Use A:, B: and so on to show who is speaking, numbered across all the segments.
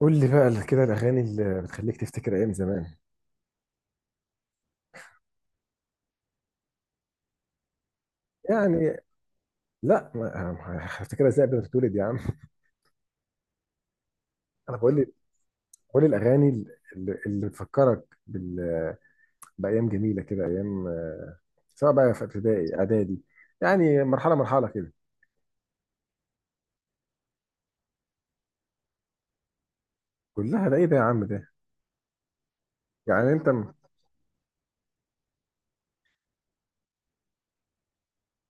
A: قول لي بقى كده الاغاني اللي بتخليك تفتكر ايام زمان. يعني لا هفتكرها ازاي قبل ما تتولد يا عم؟ انا بقول لي الاغاني اللي بتفكرك بايام جميله كده، ايام، سواء بقى في ابتدائي اعدادي، يعني مرحله مرحله كده. كلها ده ايه ده يا عم ده؟ يعني انت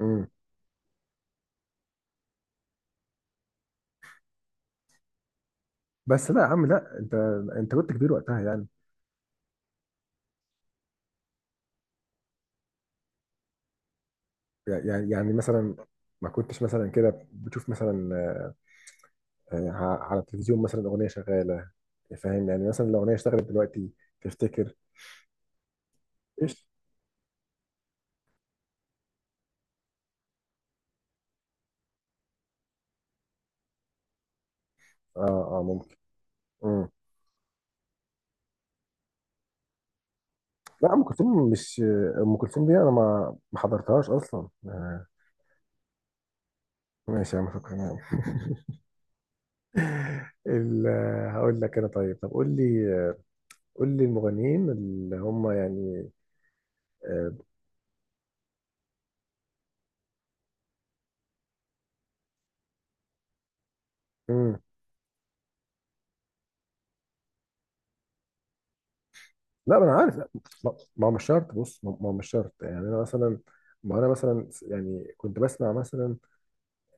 A: مم. بس لا يا عم، لا، انت كنت كبير وقتها يعني مثلا ما كنتش مثلا كده بتشوف مثلا، يعني على التلفزيون مثلا اغنيه شغاله؟ فاهم يعني، مثلا لو اغنيه اشتغلت دلوقتي تفتكر؟ ايش؟ اه، اه، ممكن. مم. لا، ام كلثوم مش ام كلثوم دي انا ما حضرتهاش اصلا، آه. ماشي يا عم، شكرا يا عم. هقول لك انا، طب قول لي، قول لي المغنيين اللي هم يعني. آه. مم. لا، ما انا عارف، لا. ما هو مش شرط، بص ما هو مش شرط، يعني انا مثلا، ما انا مثلا يعني كنت بسمع مثلا،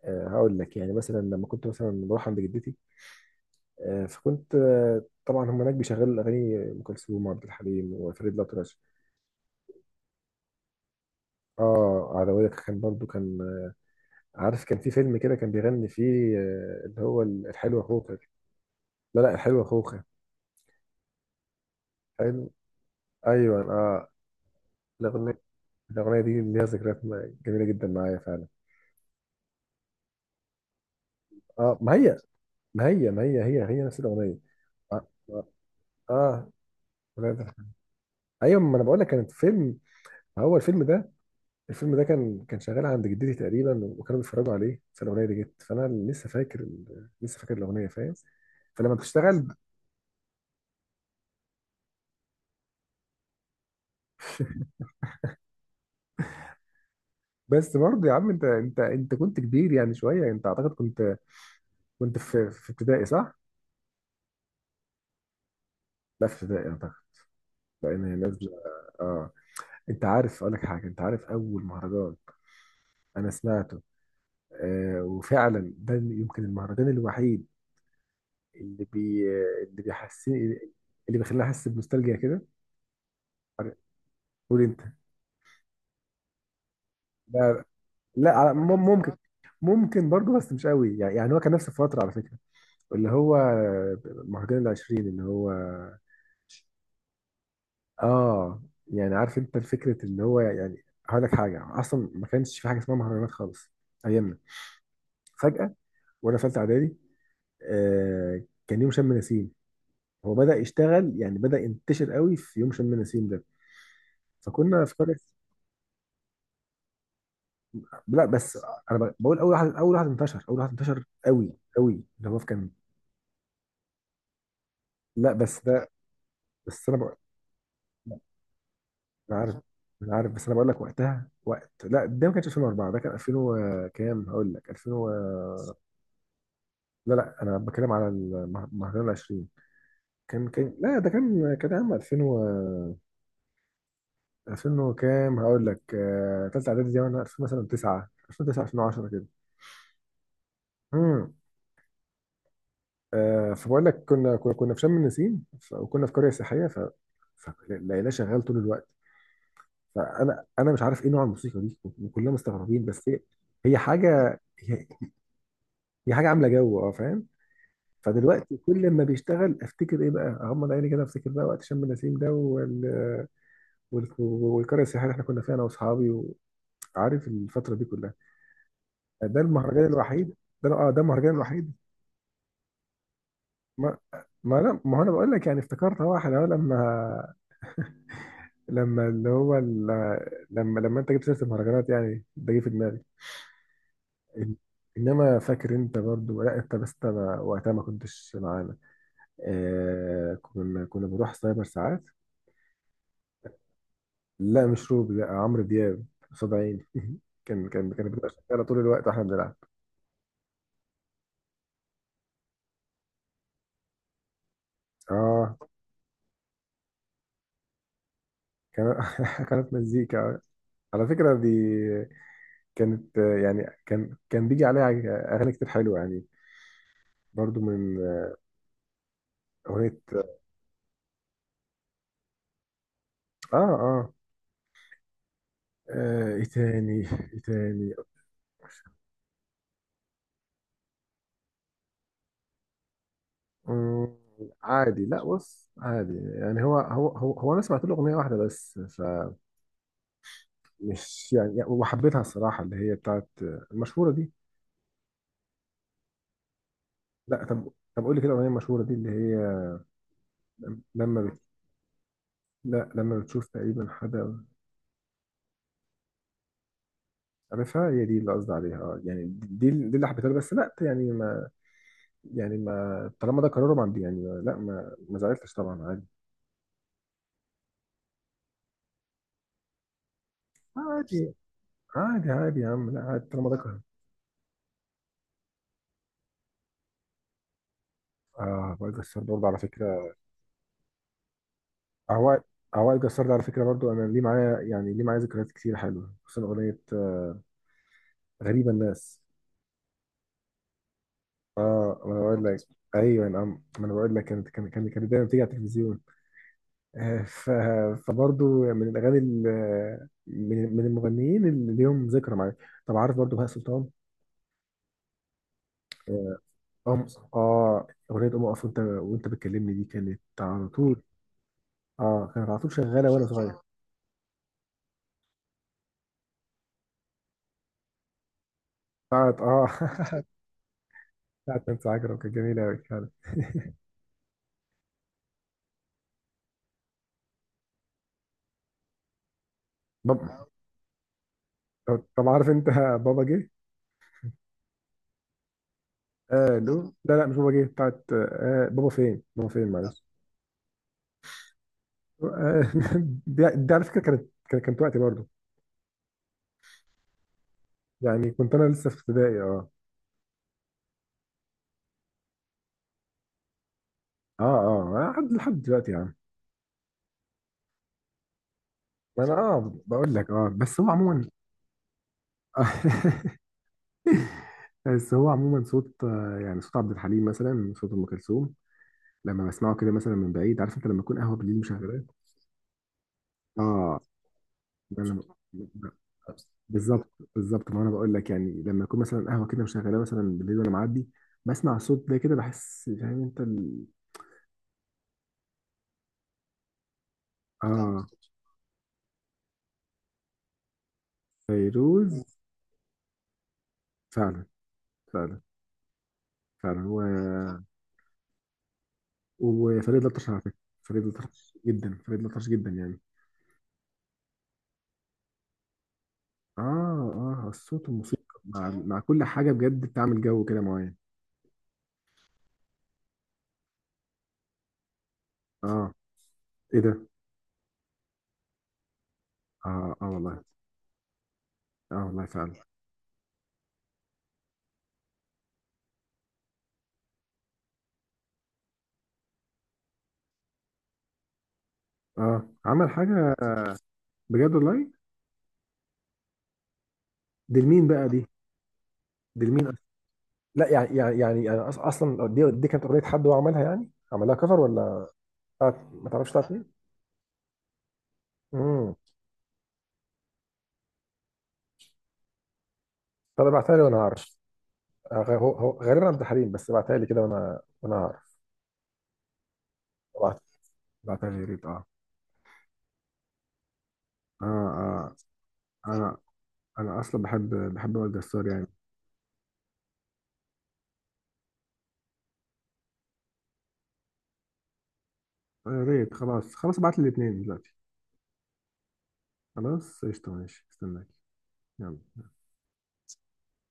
A: هقول لك يعني مثلا لما كنت مثلا بروح عند جدتي، فكنت، طبعا هم هناك بيشغلوا اغاني ام كلثوم وعبد الحليم وفريد الأطرش. اه، عدوية كان برضو كان، عارف كان في فيلم كده كان بيغني فيه، اللي هو الحلوة خوخة. لا لا، الحلوة خوخة. حلو، ايوه، اه. الاغنية، دي ليها ذكريات جميلة جدا معايا فعلا. اه، ما هي ما هي، هي نفس الاغنية. اه، اه، آه، ايوه ما انا بقول لك كانت فيلم. هو الفيلم ده، الفيلم ده كان شغال عند جدتي تقريبا، وكانوا بيتفرجوا عليه، فالاغنيه دي جت، فانا لسه فاكر الاغنيه، فاهم؟ فلما بتشتغل. بس برضه يا عم، انت كنت كبير يعني شويه، انت اعتقد كنت، كنت في ابتدائي صح؟ لا، في ابتدائي اعتقد، لان هي نازله. اه. انت عارف اقول لك حاجه؟ انت عارف اول مهرجان انا سمعته، وفعلا ده يمكن المهرجان الوحيد اللي بي اللي بيحسني اللي بيخليني احس بنوستالجيا كده. قول انت. لا لا، ممكن. ممكن برضه بس مش قوي يعني، يعني هو كان نفس الفترة على فكرة، اللي هو مهرجان العشرين، اللي هو. اه يعني عارف انت فكرة، اللي هو يعني هقول لك حاجة، اصلا ما كانش في حاجة اسمها مهرجانات خالص ايامنا. فجأة وانا في ثالثة اعدادي، آه كان يوم شم نسيم، هو بدأ يشتغل يعني، بدأ ينتشر قوي في يوم شم نسيم ده، فكنا في قرية. لا بس انا بقول، اول واحد انتشر قوي قوي، اللي هو في كان. لا بس ده، بس انا بقول، انا عارف انا عارف، بس انا بقول لك وقتها، لا ده ما كانش 2004، ده كان 2000 كام، هقول لك 2000 لا لا، انا بتكلم على مهرجان ال 20. كان، لا ده كان عام 2000 و 2000 وكام، هقول لك، تالتة اعدادي دي، وانا 2000 مثلا 9، 2009 2010 كده. امم. فبقول لك كنا في شم النسيم، وكنا في قريه سياحيه، ف فلقيناه شغال طول الوقت. فانا مش عارف ايه نوع الموسيقى دي، وكلنا مستغربين، بس هي حاجه، هي دي حاجه عامله جو، فاهم؟ فدلوقتي كل ما بيشتغل افتكر ايه بقى، اغمض عيني كده افتكر بقى وقت شم نسيم ده والقريه السياحيه اللي احنا كنا فيها انا واصحابي، وعارف الفتره دي كلها. ده المهرجان الوحيد، ده المهرجان الوحيد. ما ما انا، ما هو انا بقول لك يعني افتكرت، هو احنا لما، لما اللي هو ال... لما انت جبت سيره المهرجانات يعني، ده جه في دماغي. إن- انما فاكر انت برضو، لا انت، بس انا وقتها ما كنتش معانا، كنا بنروح سايبر ساعات. لا مش روبي، لا عمرو دياب قصاد عيني. كانت بتبقى شغاله طول الوقت واحنا بنلعب. اه. كان. كانت مزيكا، على فكره دي، كانت، يعني كان بيجي عليها اغاني كتير حلوه يعني، برضو من، اغنيه. اه اه ايه تاني؟ ايه تاني مم، عادي. لا، بص عادي يعني، هو انا سمعت له اغنيه واحده بس، فمش يعني، وحبيتها الصراحه، اللي هي بتاعت المشهوره دي. لا طب، قول لي كده الاغنيه المشهوره دي اللي هي لما لا، لما بتشوف تقريبا حدا. عارفها، هي دي اللي قصدي عليها، اه يعني، دي اللي حبيتها له، بس لا يعني، ما يعني، ما طالما ده قرارهم، عندي يعني لا، ما زعلتش طبعا، عادي. عادي، عادي، عادي يا عم، لا عادي طالما ده قرار. اه، وائل جسار برضه على فكره. هو وائل جسار ده على فكره برضه، انا ليه معايا يعني، ليه معايا ذكريات كتير حلوه، خصوصا اغنيه، غريبه الناس. اه، ما انا بقول لك، ايوه يا عم، ما انا بقول لك، كانت دايما بتيجي على التلفزيون، آه، ف... فبرضو يعني من الاغاني من المغنيين اللي ليهم ذكرى معايا. طب عارف برضو بهاء سلطان، آه، أم أغنية أقف وأنت، بتكلمني دي كانت على طول، كانت على طول شغالة وأنا صغير. بتاعت، بتاعت نانسي عجرم، كانت جميلة أوي فعلا. بابا. طب، عارف أنت بابا جه؟ لو، لا لا، مش بابا جه، بتاعت، بابا فين؟ بابا فين معلش. آه. دي على فكرة، كانت وقتي برضه، يعني كنت أنا لسه في ابتدائي. اه، اه، لحد دلوقتي يا عم. ما انا، بقول لك، بس هو عموما. بس هو عموما صوت، يعني صوت عبد الحليم مثلا، صوت ام كلثوم، لما بسمعه كده مثلا من بعيد، عارف انت لما يكون قهوه بالليل مشغلاه. اه. انا بالظبط. بالظبط، ما انا بقول لك يعني، لما يكون مثلا قهوه كده مشغلاه مثلا بالليل وانا معدي، بسمع صوت ده كده بحس، فاهم انت اه. فيروز. فعلا، فعلا، فعلا هو. وفريد الأطرش على فكره. فريد الأطرش جدا، فريد الأطرش جدا يعني. اه، اه، الصوت والموسيقى مع كل حاجة بجد بتعمل جو كده معين. اه، ايه ده. اه، اه، والله. اه، والله فعلا. اه، عمل حاجة، بجد والله. دي لمين بقى دي؟ دي لمين أصلا؟ لا يعني، أنا اصلا، دي كانت اغنيه حد هو عملها يعني، عملها كفر ولا بتاعت؟ ما تعرفش بتاعت مين؟ امم. طب ابعتها لي وانا هعرف. هو غالبا عبد الحليم، بس ابعتها لي كده، وانا هعرف. ابعت. بعتها لي يا ريت. اه. اه، اه، انا، انا اصلا بحب، وائل جسار يعني. يا ريت، خلاص، خلاص، ابعت لي الاثنين دلوقتي. خلاص، قشطة، ماشي استناك. يلا.